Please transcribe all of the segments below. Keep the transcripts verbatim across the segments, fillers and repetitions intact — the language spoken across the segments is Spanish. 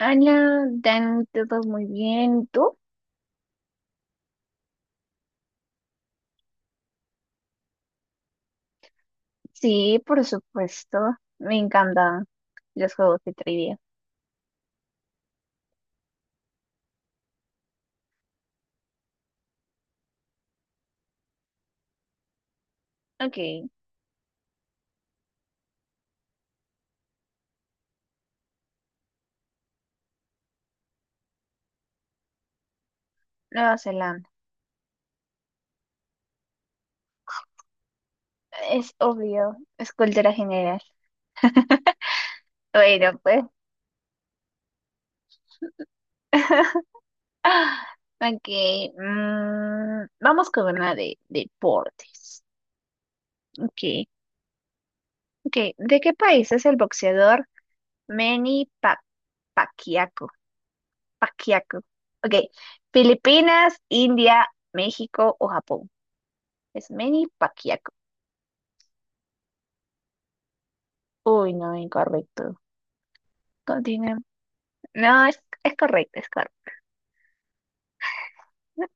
Hola, dan todo muy bien. ¿Y tú? Sí, por supuesto. Me encantan los juegos de trivia. Ok, Nueva Zelanda. Es obvio, es cultura general. Bueno, pues. Ok, mm, vamos con una de deportes. Ok, ok. ¿De qué país es el boxeador Manny Pa- Pacquiao? Pacquiao. Ok, Filipinas, India, México o Japón. Es Manny Pacquiao. Uy, no, incorrecto. Continúa. No, es, es correcto, es correcto.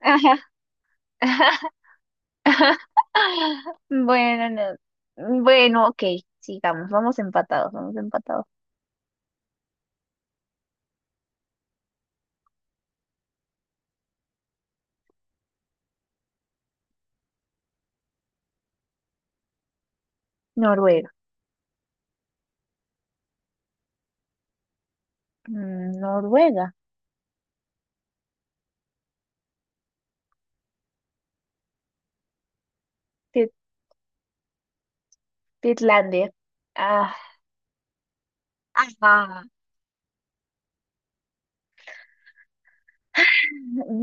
Ajá. Bueno, no. Bueno, ok, sigamos, vamos empatados, vamos empatados. Noruega. Mm, Noruega. Tit- Titlandia. Ah, ajá.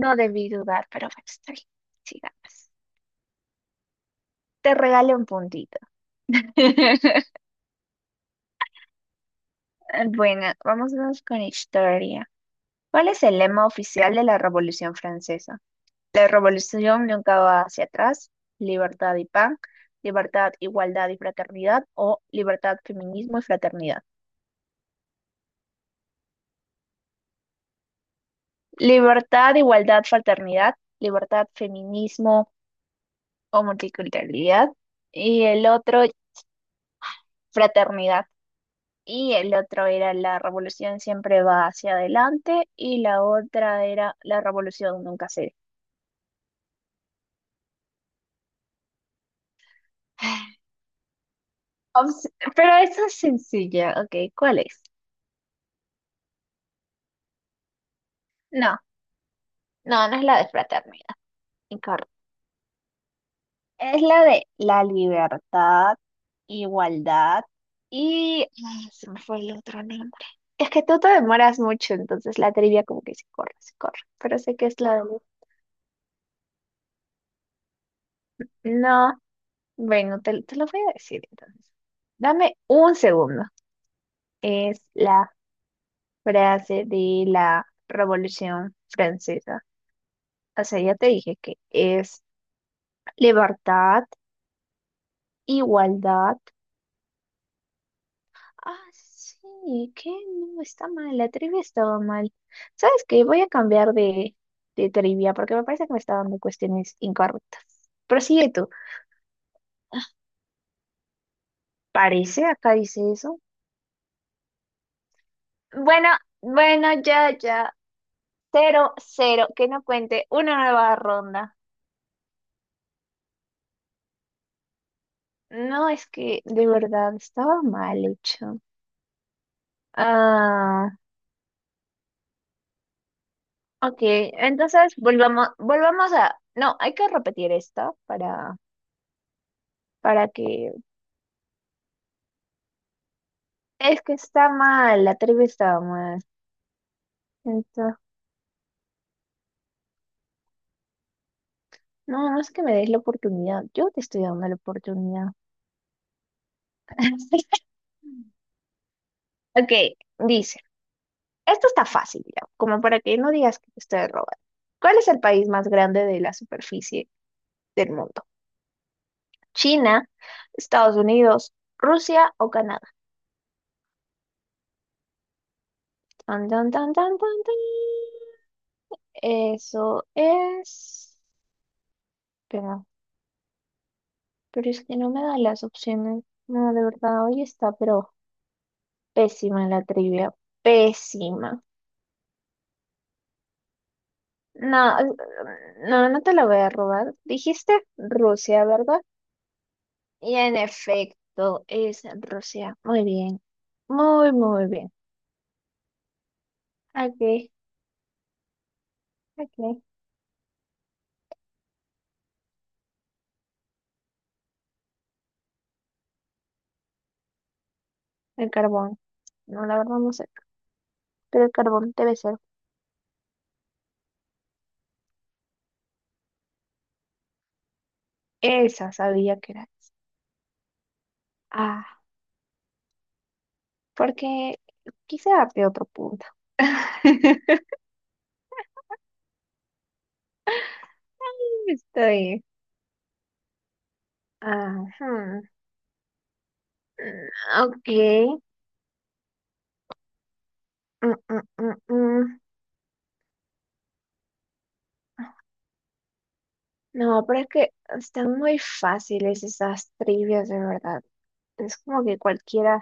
No debí dudar, pero bueno, está bien. Sigamos. Te regalo un puntito. Bueno, vámonos con historia. ¿Cuál es el lema oficial de la Revolución Francesa? La revolución nunca va hacia atrás. Libertad y pan, libertad, igualdad y fraternidad o libertad, feminismo y fraternidad. Libertad, igualdad, fraternidad, libertad, feminismo o multiculturalidad. Y el otro, fraternidad. Y el otro era la revolución siempre va hacia adelante y la otra era la revolución nunca se... Ops, pero esa es sencilla, ok, ¿cuál es? No, no, no es la de fraternidad, incorrecto. Es la de la libertad, igualdad y... ah, se me fue el otro nombre. Es que tú te demoras mucho, entonces la trivia como que se corre, se corre. Pero sé que es la de... No, bueno, te, te lo voy a decir entonces. Dame un segundo. Es la frase de la Revolución Francesa. O sea, ya te dije que es libertad, igualdad. Ah, sí, ¿qué? No, está mal, la trivia estaba mal. ¿Sabes qué? Voy a cambiar de, de trivia porque me parece que me está dando cuestiones incorrectas. Prosigue tú. Parece, acá dice eso. Bueno, bueno, ya, ya. Cero, cero, que no cuente una nueva ronda. No, es que de verdad estaba mal hecho. Ah, ok, entonces volvamos, volvamos a... No, hay que repetir esto para, para que es que está mal, la trivia estaba mal. Entonces, no, no es que me des la oportunidad. Yo te estoy dando la oportunidad. Ok, dice, esto está fácil, ya, como para que no digas que te estoy robando. ¿Cuál es el país más grande de la superficie del mundo? ¿China, Estados Unidos, Rusia o Canadá? Tan, tan, tan, tan, tan, tan. Eso es... Espera, pero es que no me da las opciones. No, de verdad, hoy está, pero... Pésima la trivia, pésima. No, no, no te la voy a robar. Dijiste Rusia, ¿verdad? Y en efecto, es Rusia. Muy bien, muy, muy bien. Aquí, aquí, el carbón. No, la verdad no sé, pero el carbón debe ser. Esa sabía que era. Ah, porque quise darte otro punto. Está bien. Ajá. Ok. Mm, mm, mm, mm. No, pero es que están muy fáciles esas trivias, de verdad. Es como que cualquiera.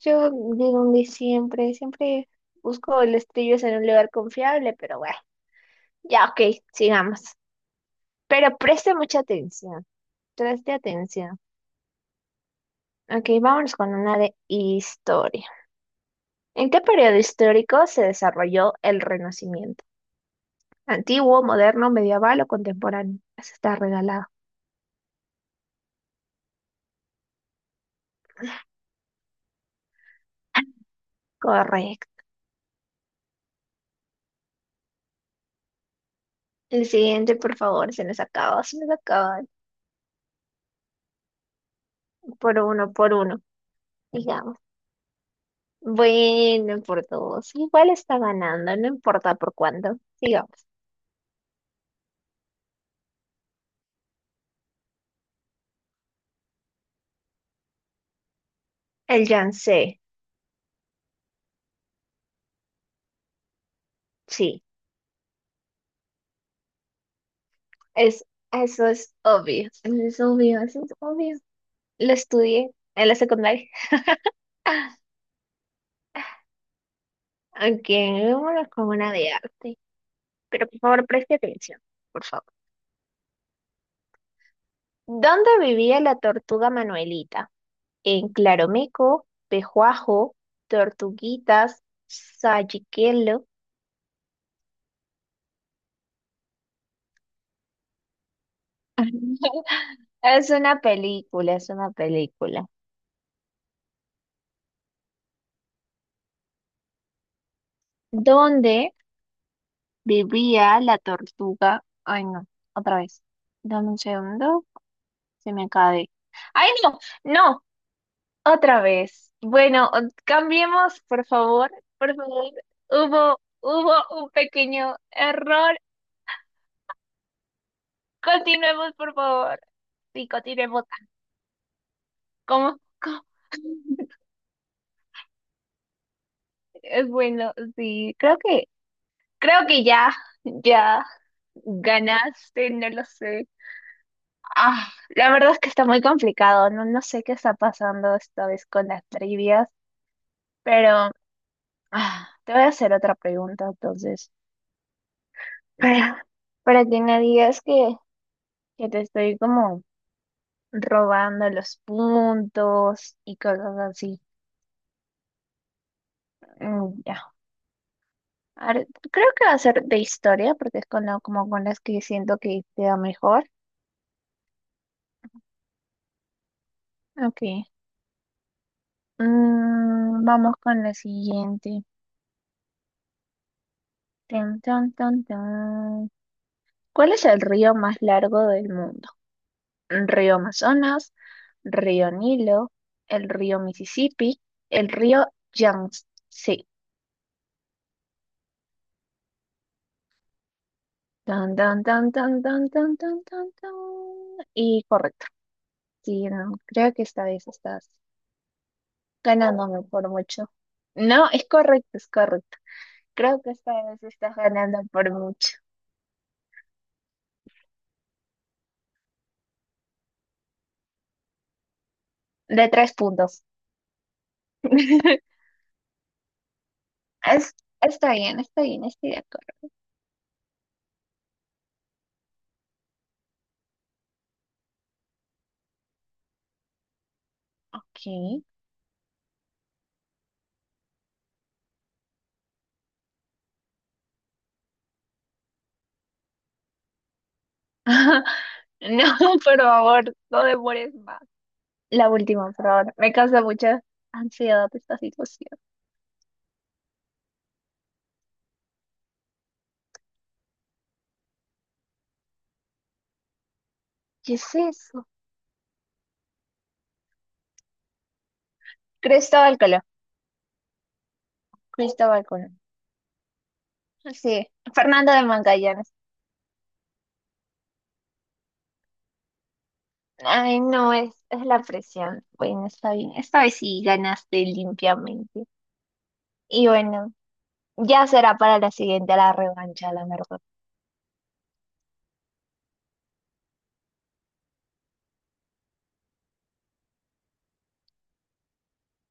Yo de donde siempre, siempre busco las trivias en un lugar confiable, pero bueno, ya, ok, sigamos. Pero preste mucha atención, preste atención. Ok, vámonos con una de historia. ¿En qué periodo histórico se desarrolló el Renacimiento? ¿Antiguo, moderno, medieval o contemporáneo? Eso está regalado. Correcto. El siguiente, por favor, se nos acaba, se nos acaba. Por uno, por uno, digamos. Bueno, por dos. Igual está ganando, no importa por cuánto. Digamos. El Yangtze, sí. Es, eso es obvio. Eso es obvio, eso es obvio. Lo estudié en la secundaria. Aunque vámonos con una de arte. Pero por favor, preste atención, por favor. ¿Dónde vivía la tortuga Manuelita? En Claromeco, Pejuajo, Tortuguitas, Sayiquelo. Es una película, es una película. ¿Dónde vivía la tortuga? Ay, no, otra vez. Dame un segundo, se me acaba de... ¡Ay, no! ¡No! Otra vez. Bueno, o- cambiemos, por favor, por favor. Hubo, hubo un pequeño error. Continuemos, por favor. Sí, continuemos. ¿Cómo? ¿Cómo? Es bueno, sí, creo que, creo que ya, ya ganaste, no lo sé. Ah, la verdad es que está muy complicado. No, no sé qué está pasando esta vez con las trivias, pero ah, te voy a hacer otra pregunta entonces. Para, para que no digas que, que te estoy como robando los puntos y cosas así. Mm, ya. A ver, creo que va a ser de historia porque es con la- como con las que siento que te da mejor. Ok. Mm, vamos con la siguiente. Tan, tan, tan, tan. ¿Cuál es el río más largo del mundo? ¿Río Amazonas, río Nilo, el río Mississippi, el río Yangtze? Sí. Tan, tan, tan, tan, tan, tan, tan, tan, tan. Y correcto. Sí, no, creo que esta vez estás ganándome por mucho. No, es correcto, es correcto. Creo que esta vez estás ganando por mucho. De tres puntos. Es, está bien, está bien, estoy de acuerdo. Ok. No, por favor, no demores más. La última, por favor. Me causa mucha ansiedad esta situación. ¿Qué es eso? Cristóbal Colón. Cristóbal Colón. Sí, Fernando de Magallanes. Ay, no, es, es la presión. Bueno, está bien. Esta vez sí ganaste limpiamente. Y bueno, ya será para la siguiente, la revancha, la verdad.